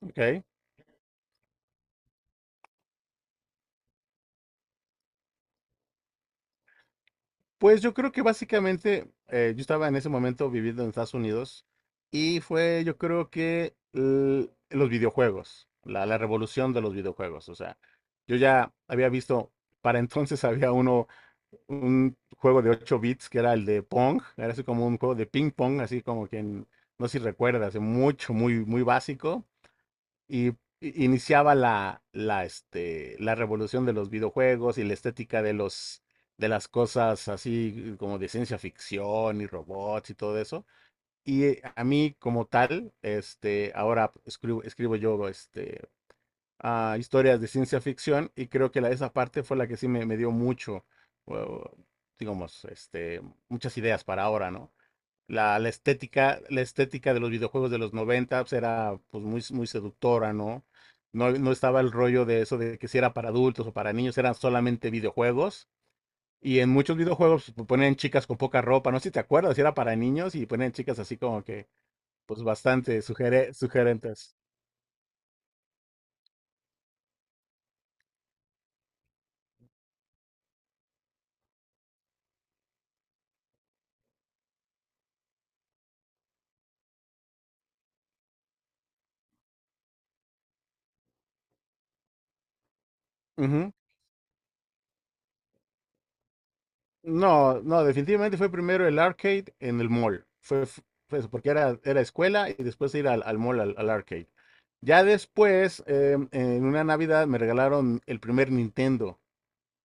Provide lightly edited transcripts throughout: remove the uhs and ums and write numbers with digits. Ok. Pues yo creo que básicamente yo estaba en ese momento viviendo en Estados Unidos y fue yo creo que los videojuegos, la revolución de los videojuegos. O sea, yo ya había visto, para entonces había uno, un juego de 8 bits que era el de Pong, era así como un juego de ping pong, así como no sé si recuerdas, mucho, muy básico. Y iniciaba la revolución de los videojuegos y la estética de los, de las cosas así como de ciencia ficción y robots y todo eso. Y a mí como tal, este, ahora escribo, escribo yo este, a historias de ciencia ficción y creo que la, esa parte fue la que sí me dio mucho, o- digamos, este, muchas ideas para ahora, ¿no? La estética de los videojuegos de los 90 pues, era pues muy, muy seductora, ¿no? No estaba el rollo de eso de que si era para adultos o para niños, eran solamente videojuegos. Y en muchos videojuegos pues, ponían chicas con poca ropa, no sé si te acuerdas, si era para niños y ponían chicas así como que, pues bastante sugerentes. No, definitivamente fue primero el arcade en el mall. Fue, fue eso, porque era, era escuela y después ir al mall, al arcade. Ya después, en una Navidad, me regalaron el primer Nintendo.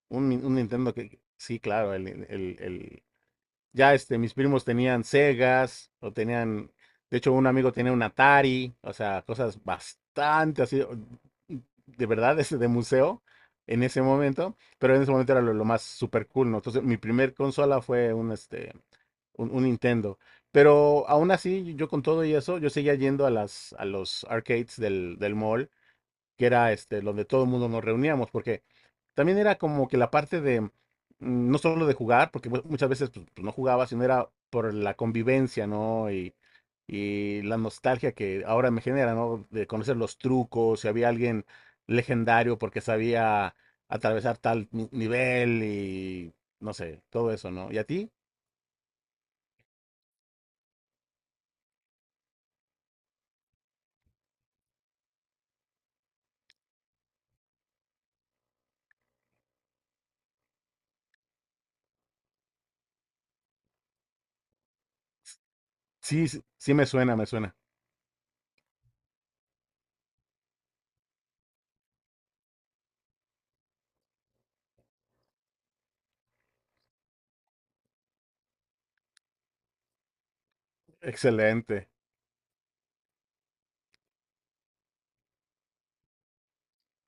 Un, un Nintendo que, sí, claro, ya este, mis primos tenían Segas, o tenían, de hecho, un amigo tenía un Atari, o sea, cosas bastante así, o- de verdad, ese de museo en ese momento, pero en ese momento era lo más super cool, ¿no? Entonces, mi primer consola fue un, este, un Nintendo. Pero aún así, yo con todo y eso, yo seguía yendo a las, a los arcades del mall que era este, donde todo el mundo nos reuníamos, porque también era como que la parte de, no solo de jugar, porque muchas veces pues, pues, no jugaba, sino era por la convivencia, ¿no? Y la nostalgia que ahora me genera, ¿no? De conocer los trucos, si había alguien legendario porque sabía atravesar tal nivel y no sé, todo eso, ¿no? ¿Y a ti? Sí, sí me suena, me suena. Excelente.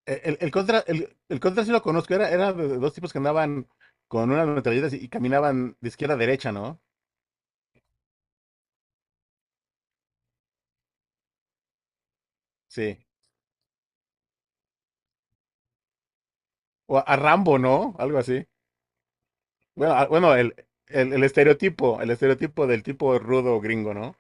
El, el contra sí lo conozco, era, era de dos tipos que andaban con unas metralletas y caminaban de izquierda a derecha, ¿no? Sí. O a Rambo, ¿no? Algo así. Bueno, bueno, el estereotipo del tipo rudo gringo, ¿no?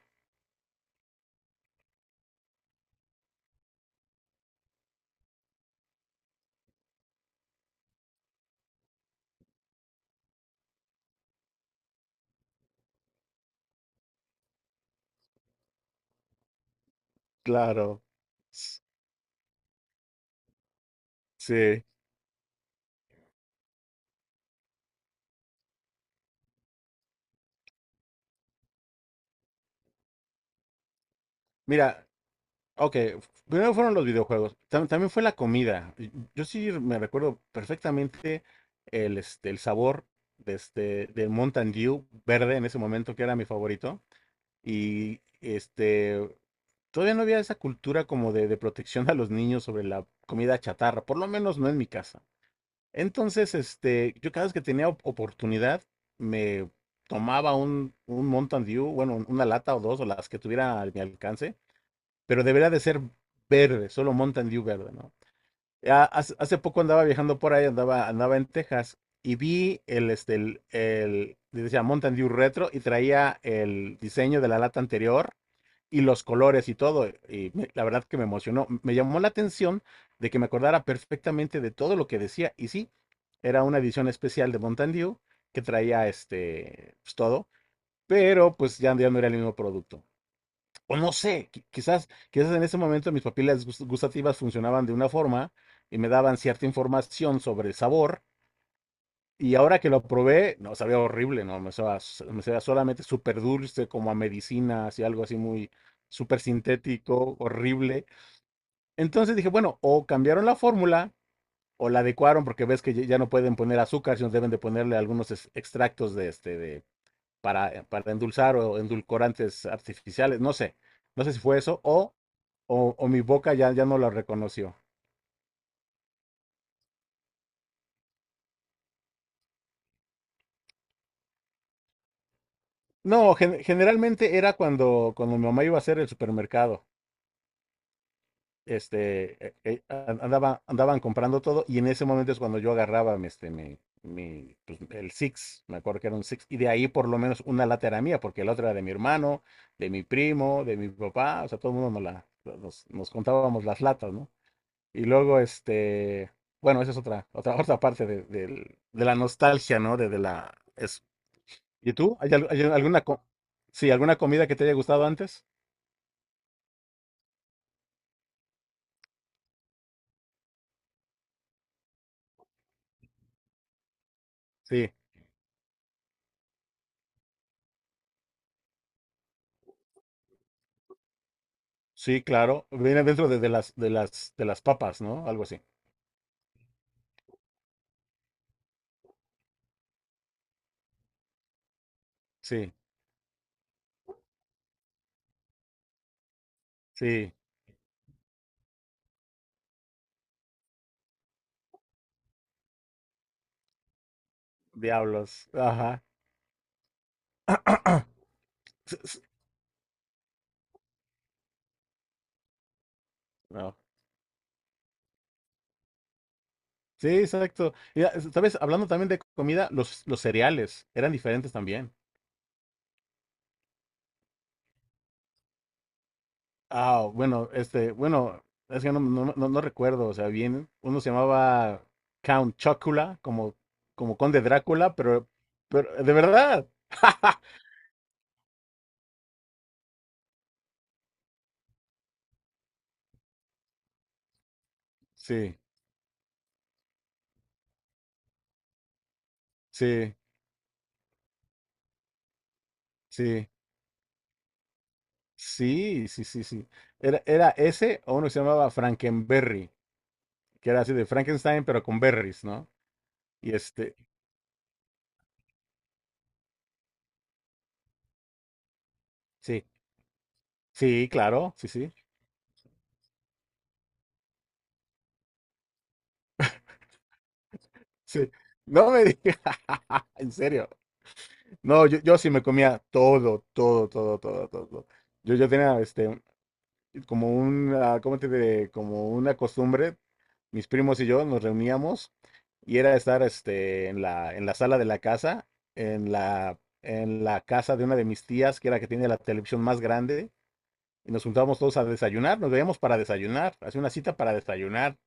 Claro. S- sí. Mira, ok. Primero fueron los videojuegos. También fue la comida. Yo sí me recuerdo perfectamente el, este, el sabor de este, del Mountain Dew verde en ese momento, que era mi favorito. Y este, todavía no había esa cultura como de protección a los niños sobre la comida chatarra, por lo menos no en mi casa. Entonces, este, yo cada vez que tenía oportunidad, me tomaba un Mountain Dew, bueno, una lata o dos, o las que tuviera a mi alcance, pero debería de ser verde, solo Mountain Dew verde, ¿no? Ya hace, hace poco andaba viajando por ahí, andaba, andaba en Texas, y vi el, este, decía Mountain Dew Retro y traía el diseño de la lata anterior y los colores y todo. Y la verdad que me emocionó. Me llamó la atención de que me acordara perfectamente de todo lo que decía. Y sí, era una edición especial de Mountain Dew que traía este, pues, todo, pero pues ya, ya no era el mismo producto. O no sé, quizás, quizás en ese momento mis papilas gustativas funcionaban de una forma y me daban cierta información sobre el sabor y ahora que lo probé, no, sabía horrible, no, me sabía solamente súper dulce, como a medicina, así algo así muy súper sintético, horrible. Entonces dije, bueno, o cambiaron la fórmula o la adecuaron, porque ves que ya no pueden poner azúcar, sino deben de ponerle algunos extractos de este, de, para endulzar o endulcorantes artificiales, no sé, no sé si fue eso, o mi boca ya, ya no lo reconoció. No, generalmente era cuando, cuando mi mamá iba a hacer el supermercado. Este, andaba, andaban comprando todo y en ese momento es cuando yo agarraba mi, este, mi, pues, el Six, me acuerdo que era un Six, y de ahí por lo menos una lata era mía, porque la otra era de mi hermano, de mi primo, de mi papá, o sea, todo el mundo nos, la, nos, nos contábamos las latas, ¿no? Y luego, este, bueno, esa es otra, otra, otra parte de, de la nostalgia, ¿no? De la... Es, ¿y tú? ¿Hay, hay alguna, sí, alguna comida que te haya gustado antes? Sí. Sí, claro. Viene dentro de, de las papas, ¿no? Algo así. Sí, sí. Diablos. Ajá. S- s- no. Sí, exacto. Mira, sabes, hablando también de comida, los cereales eran diferentes también. Ah, bueno, este, bueno, es que no, no, no recuerdo, o sea, bien, uno se llamaba Count Chocula, como, como Conde Drácula, pero, de verdad. Sí, sí, sí. Sí, sí, sí, sí. Era, era ese o uno que se llamaba Frankenberry, que era así de Frankenstein, pero con berries, ¿no? Y este, sí, sí, claro, sí, sí, sí. No me digas, en serio. No, yo sí me comía todo, todo, todo, todo, todo. Yo tenía este, como una, ¿cómo te diré? Como una costumbre, mis primos y yo nos reuníamos y era estar este, en la sala de la casa, en la casa de una de mis tías, que era la que tiene la televisión más grande, y nos juntábamos todos a desayunar, nos veíamos para desayunar, hacía una cita para desayunar.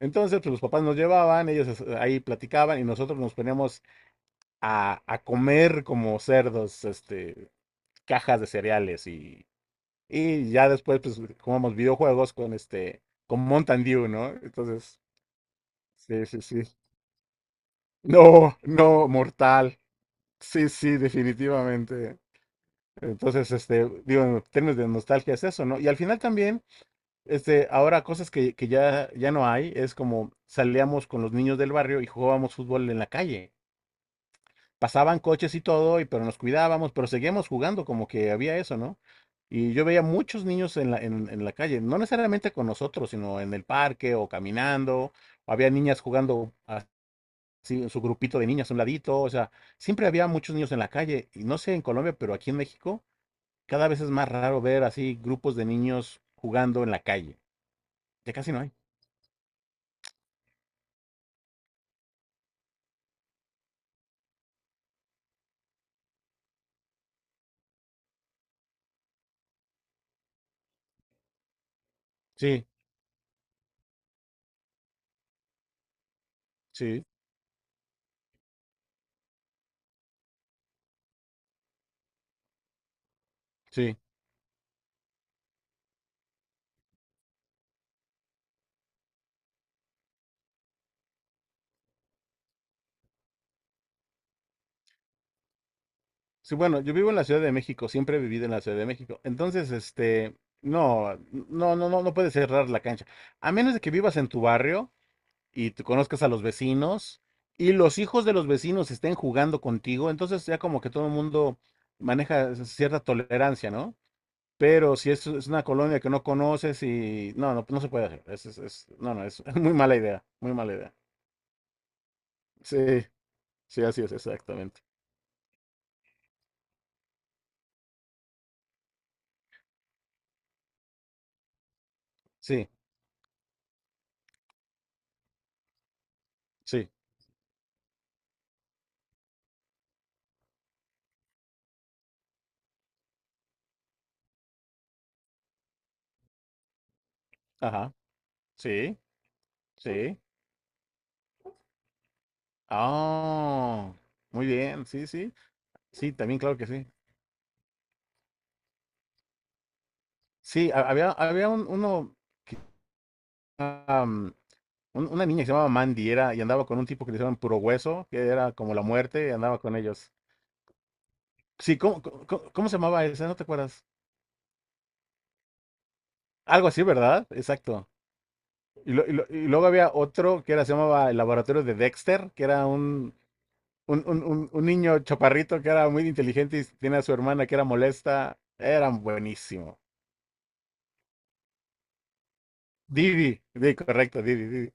Entonces, pues los papás nos llevaban, ellos ahí platicaban y nosotros nos poníamos a comer como cerdos, este, cajas de cereales y ya después, pues, jugamos videojuegos con este, con Mountain Dew, ¿no? Entonces, sí, sí, sí. No, no, mortal. Sí, sí, definitivamente. Entonces, este, digo, en términos de nostalgia es eso, ¿no? Y al final también, este, ahora cosas que ya, ya no hay, es como salíamos con los niños del barrio y jugábamos fútbol en la calle. Pasaban coches y todo, y pero nos cuidábamos, pero seguíamos jugando, como que había eso, ¿no? Y yo veía muchos niños en la, en la calle, no necesariamente con nosotros, sino en el parque o caminando, o había niñas jugando así, su grupito de niñas a un ladito, o sea, siempre había muchos niños en la calle, y no sé en Colombia, pero aquí en México cada vez es más raro ver así grupos de niños jugando en la calle, ya casi no hay. Sí, sí, sí. Sí, bueno, yo vivo en la Ciudad de México, siempre he vivido en la Ciudad de México. Entonces, este, no, no, no, no, no puedes cerrar la cancha. A menos de que vivas en tu barrio y te conozcas a los vecinos y los hijos de los vecinos estén jugando contigo, entonces ya como que todo el mundo maneja cierta tolerancia, ¿no? Pero si es, es una colonia que no conoces y no, no, no se puede hacer. No, no, es muy mala idea, muy mala idea. Sí, sí, así es, exactamente. Sí, sí, ajá, sí, sí. Ah, muy bien, sí, sí, sí, también claro que sí. Sí, había, había uno, que, am, una niña que se llamaba Mandy era, y andaba con un tipo que le llamaban Puro Hueso, que era como la muerte, y andaba con ellos. Sí, ¿cómo, cómo, cómo se llamaba esa? ¿No te acuerdas? Algo así, ¿verdad? Exacto. Y, y y luego había otro que era, se llamaba El Laboratorio de Dexter, que era un, un niño chaparrito que era muy inteligente y tiene a su hermana que era molesta. Eran buenísimo. Didi, sí, correcto, Didi, Didi.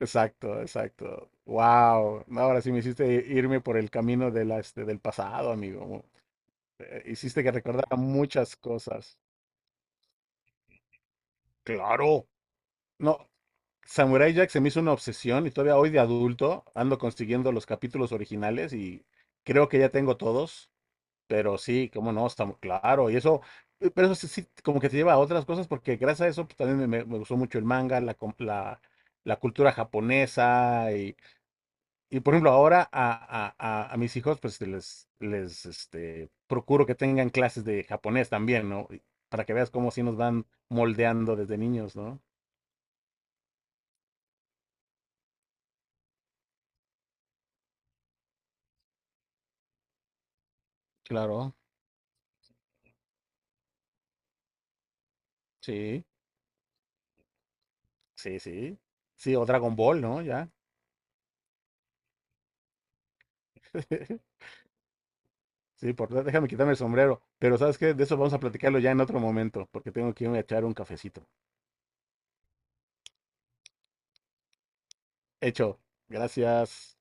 Exacto, exacto. Wow. Ahora sí me hiciste irme por el camino de la, este, del pasado, amigo. Hiciste que recordara muchas cosas. Claro. No, Samurai Jack se me hizo una obsesión y todavía hoy de adulto ando consiguiendo los capítulos originales y creo que ya tengo todos, pero sí, cómo no, está muy claro. Y eso, pero eso sí, sí, como que te lleva a otras cosas porque gracias a eso pues, también me, me gustó mucho el manga, la, la, la cultura japonesa. Y por ejemplo, ahora a, a mis hijos, pues les este, procuro que tengan clases de japonés también, ¿no? Y para que veas cómo sí nos van moldeando desde niños, ¿no? Claro, sí, sí, sí. Sí, o Dragon Ball, ¿no? Ya. Sí, por, déjame quitarme el sombrero. Pero ¿sabes qué? De eso vamos a platicarlo ya en otro momento, porque tengo que irme a echar un cafecito. Hecho. Gracias.